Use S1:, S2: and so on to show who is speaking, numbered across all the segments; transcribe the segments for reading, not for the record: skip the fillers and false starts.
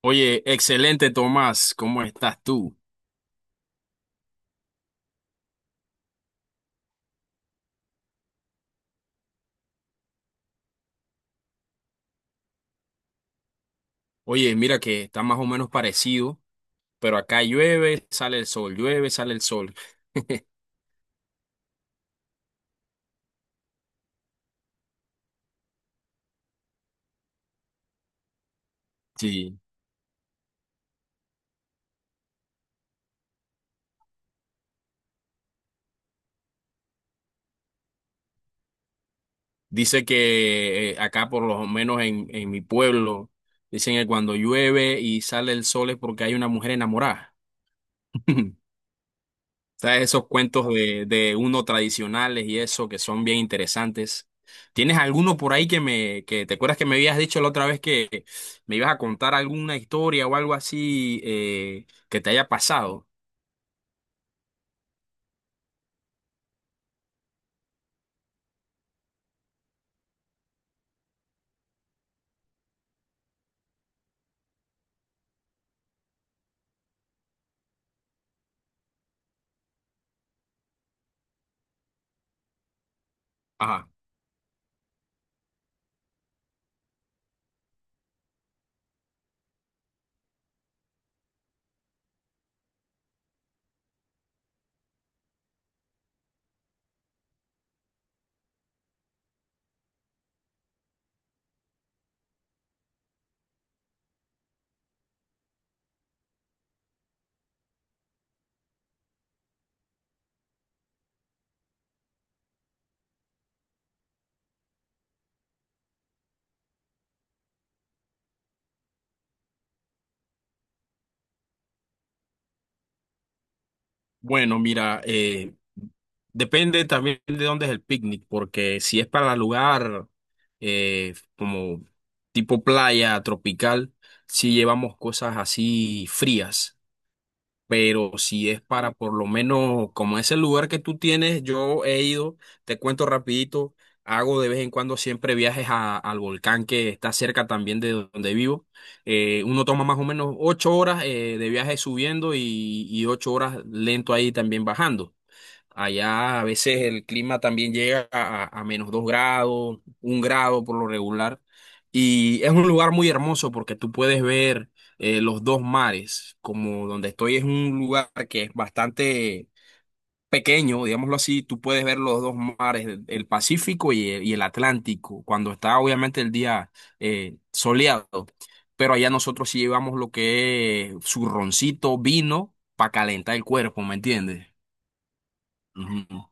S1: Oye, excelente Tomás, ¿cómo estás tú? Oye, mira que está más o menos parecido, pero acá llueve, sale el sol, llueve, sale el sol. Sí, dice que acá por lo menos en mi pueblo, dicen que cuando llueve y sale el sol es porque hay una mujer enamorada. ¿Sabes? Esos cuentos de uno tradicionales y eso que son bien interesantes. ¿Tienes alguno por ahí que te acuerdas que me habías dicho la otra vez que me ibas a contar alguna historia o algo así que te haya pasado? Ajá. Bueno, mira, depende también de dónde es el picnic, porque si es para lugar como tipo playa tropical, si llevamos cosas así frías, pero si es para por lo menos, como es el lugar que tú tienes, yo he ido, te cuento rapidito, hago de vez en cuando siempre viajes al volcán que está cerca también de donde vivo. Uno toma más o menos ocho horas de viaje subiendo y ocho horas lento ahí también bajando. Allá a veces el clima también llega a menos dos grados, un grado por lo regular. Y es un lugar muy hermoso porque tú puedes ver los dos mares. Como donde estoy es un lugar que es bastante pequeño, digámoslo así, tú puedes ver los dos mares, el Pacífico y el Atlántico, cuando está obviamente el día soleado. Pero allá nosotros sí llevamos lo que es zurroncito, vino, para calentar el cuerpo, ¿me entiendes? Ujú.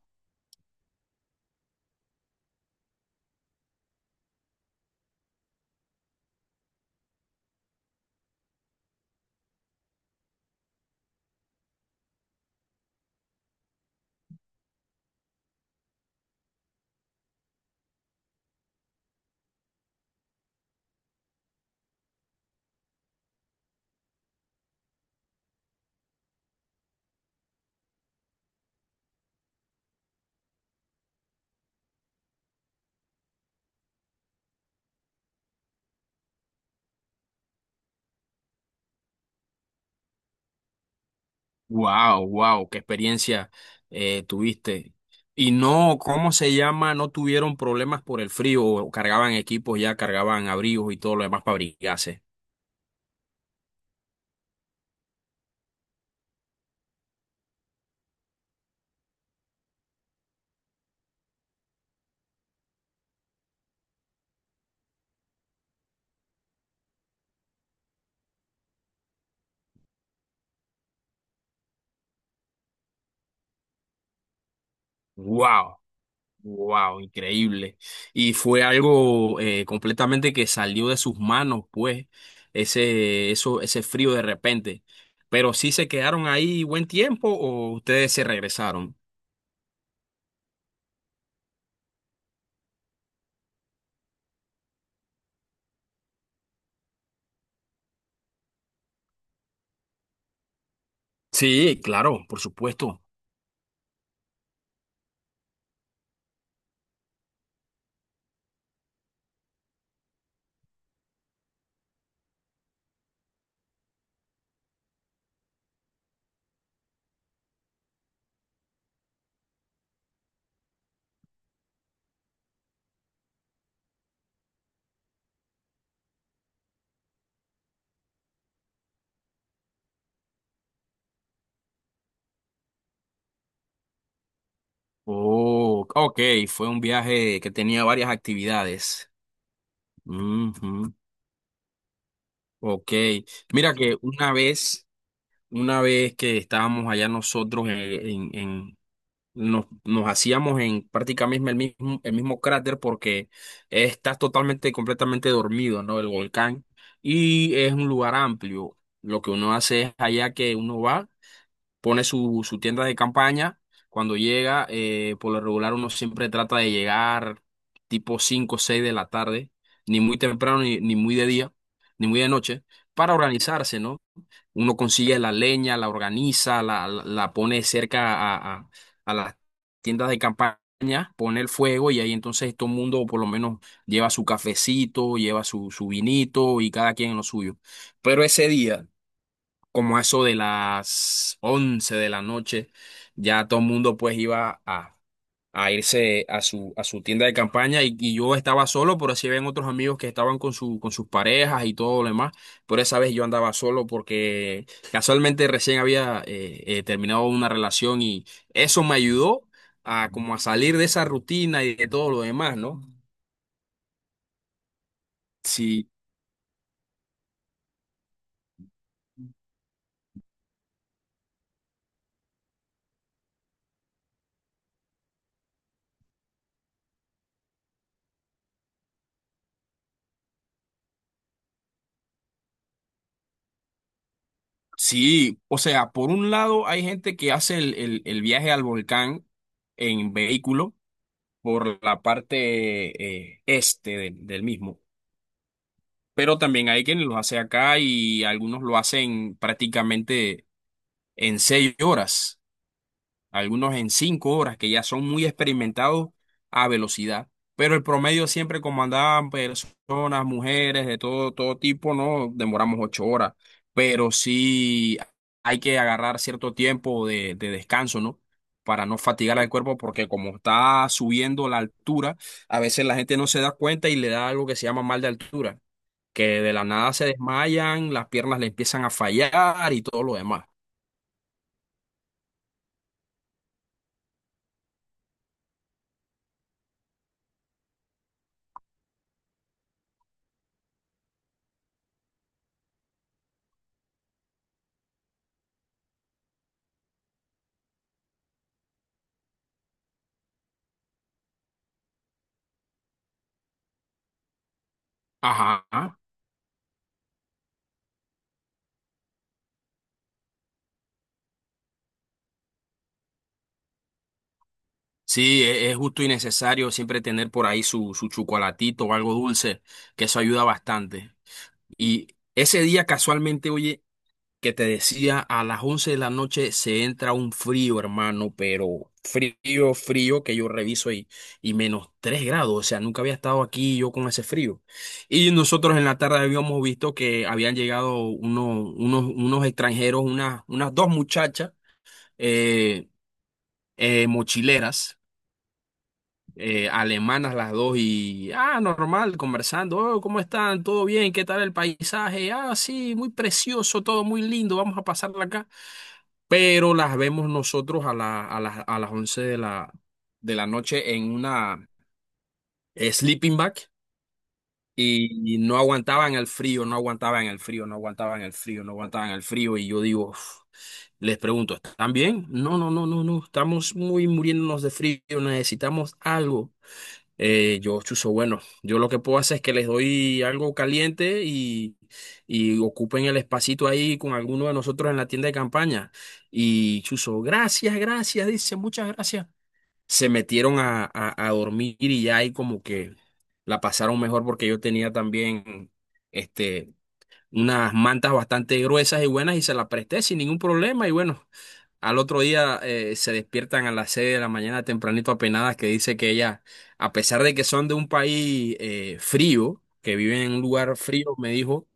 S1: Wow, wow, qué experiencia tuviste. Y no, ¿cómo se llama? No tuvieron problemas por el frío, o cargaban equipos ya, cargaban abrigos y todo lo demás para abrigarse. Wow, wow, increíble. Y fue algo completamente que salió de sus manos, pues, ese frío de repente. Pero sí se quedaron ahí buen tiempo o ustedes se regresaron. Sí, claro, por supuesto. Oh, ok, fue un viaje que tenía varias actividades. Ujú. Ok, mira que una vez que estábamos allá nosotros nos, nos hacíamos en prácticamente el mismo cráter porque estás totalmente, completamente dormido, ¿no? El volcán y es un lugar amplio. Lo que uno hace es allá que uno va, pone su, su tienda de campaña. Cuando llega, por lo regular uno siempre trata de llegar tipo 5 o 6 de la tarde, ni muy temprano, ni, ni muy de día, ni muy de noche, para organizarse, ¿no? Uno consigue la leña, la organiza, la pone cerca a las tiendas de campaña, pone el fuego y ahí entonces todo el mundo por lo menos lleva su cafecito, lleva su, su vinito y cada quien lo suyo. Pero ese día como a eso de las 11 de la noche, ya todo el mundo pues iba a irse a su tienda de campaña y yo estaba solo, pero así ven otros amigos que estaban con sus parejas y todo lo demás, pero esa vez yo andaba solo porque casualmente recién había terminado una relación y eso me ayudó a como a salir de esa rutina y de todo lo demás, ¿no? Sí. Sí, o sea, por un lado hay gente que hace el viaje al volcán en vehículo por la parte este del, del mismo. Pero también hay quienes los hace acá y algunos lo hacen prácticamente en seis horas, algunos en cinco horas, que ya son muy experimentados a velocidad. Pero el promedio siempre, como andaban personas, mujeres, de todo, todo tipo, no demoramos ocho horas. Pero sí hay que agarrar cierto tiempo de descanso, ¿no? Para no fatigar al cuerpo, porque como está subiendo la altura, a veces la gente no se da cuenta y le da algo que se llama mal de altura, que de la nada se desmayan, las piernas le empiezan a fallar y todo lo demás. Ajá. Sí, es justo y necesario siempre tener por ahí su, su chocolatito o algo dulce, que eso ayuda bastante. Y ese día casualmente, oye, que te decía, a las 11 de la noche se entra un frío, hermano, pero frío, frío, que yo reviso y menos 3 grados, o sea, nunca había estado aquí yo con ese frío. Y nosotros en la tarde habíamos visto que habían llegado unos extranjeros, unas dos muchachas, eh, mochileras alemanas las dos y, ah, normal, conversando, oh, ¿cómo están? ¿Todo bien? ¿Qué tal el paisaje? Ah, sí, muy precioso, todo muy lindo, vamos a pasarla acá. Pero las vemos nosotros a las 11 de la noche en una sleeping bag y no aguantaban el frío, no aguantaban el frío, no aguantaban el frío, no aguantaban el frío y yo digo... "Uf". Les pregunto, ¿están bien? No, no, no, no, no, estamos muy muriéndonos de frío, necesitamos algo. Yo, chuzo, bueno, yo lo que puedo hacer es que les doy algo caliente y ocupen el espacito ahí con alguno de nosotros en la tienda de campaña. Y chuzo, gracias, gracias, dice, muchas gracias. Se metieron a dormir y ya ahí como que la pasaron mejor porque yo tenía también este, unas mantas bastante gruesas y buenas y se las presté sin ningún problema y bueno. Al otro día se despiertan a las 6 de la mañana tempranito apenadas que dice que ella, a pesar de que son de un país frío, que viven en un lugar frío, me dijo,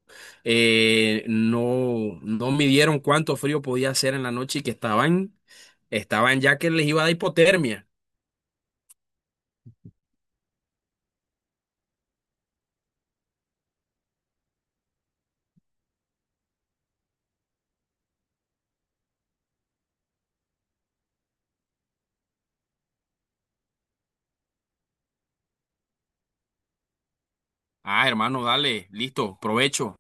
S1: no, no midieron cuánto frío podía hacer en la noche y que estaban, estaban ya que les iba a dar hipotermia. Ah, hermano, dale, listo, provecho.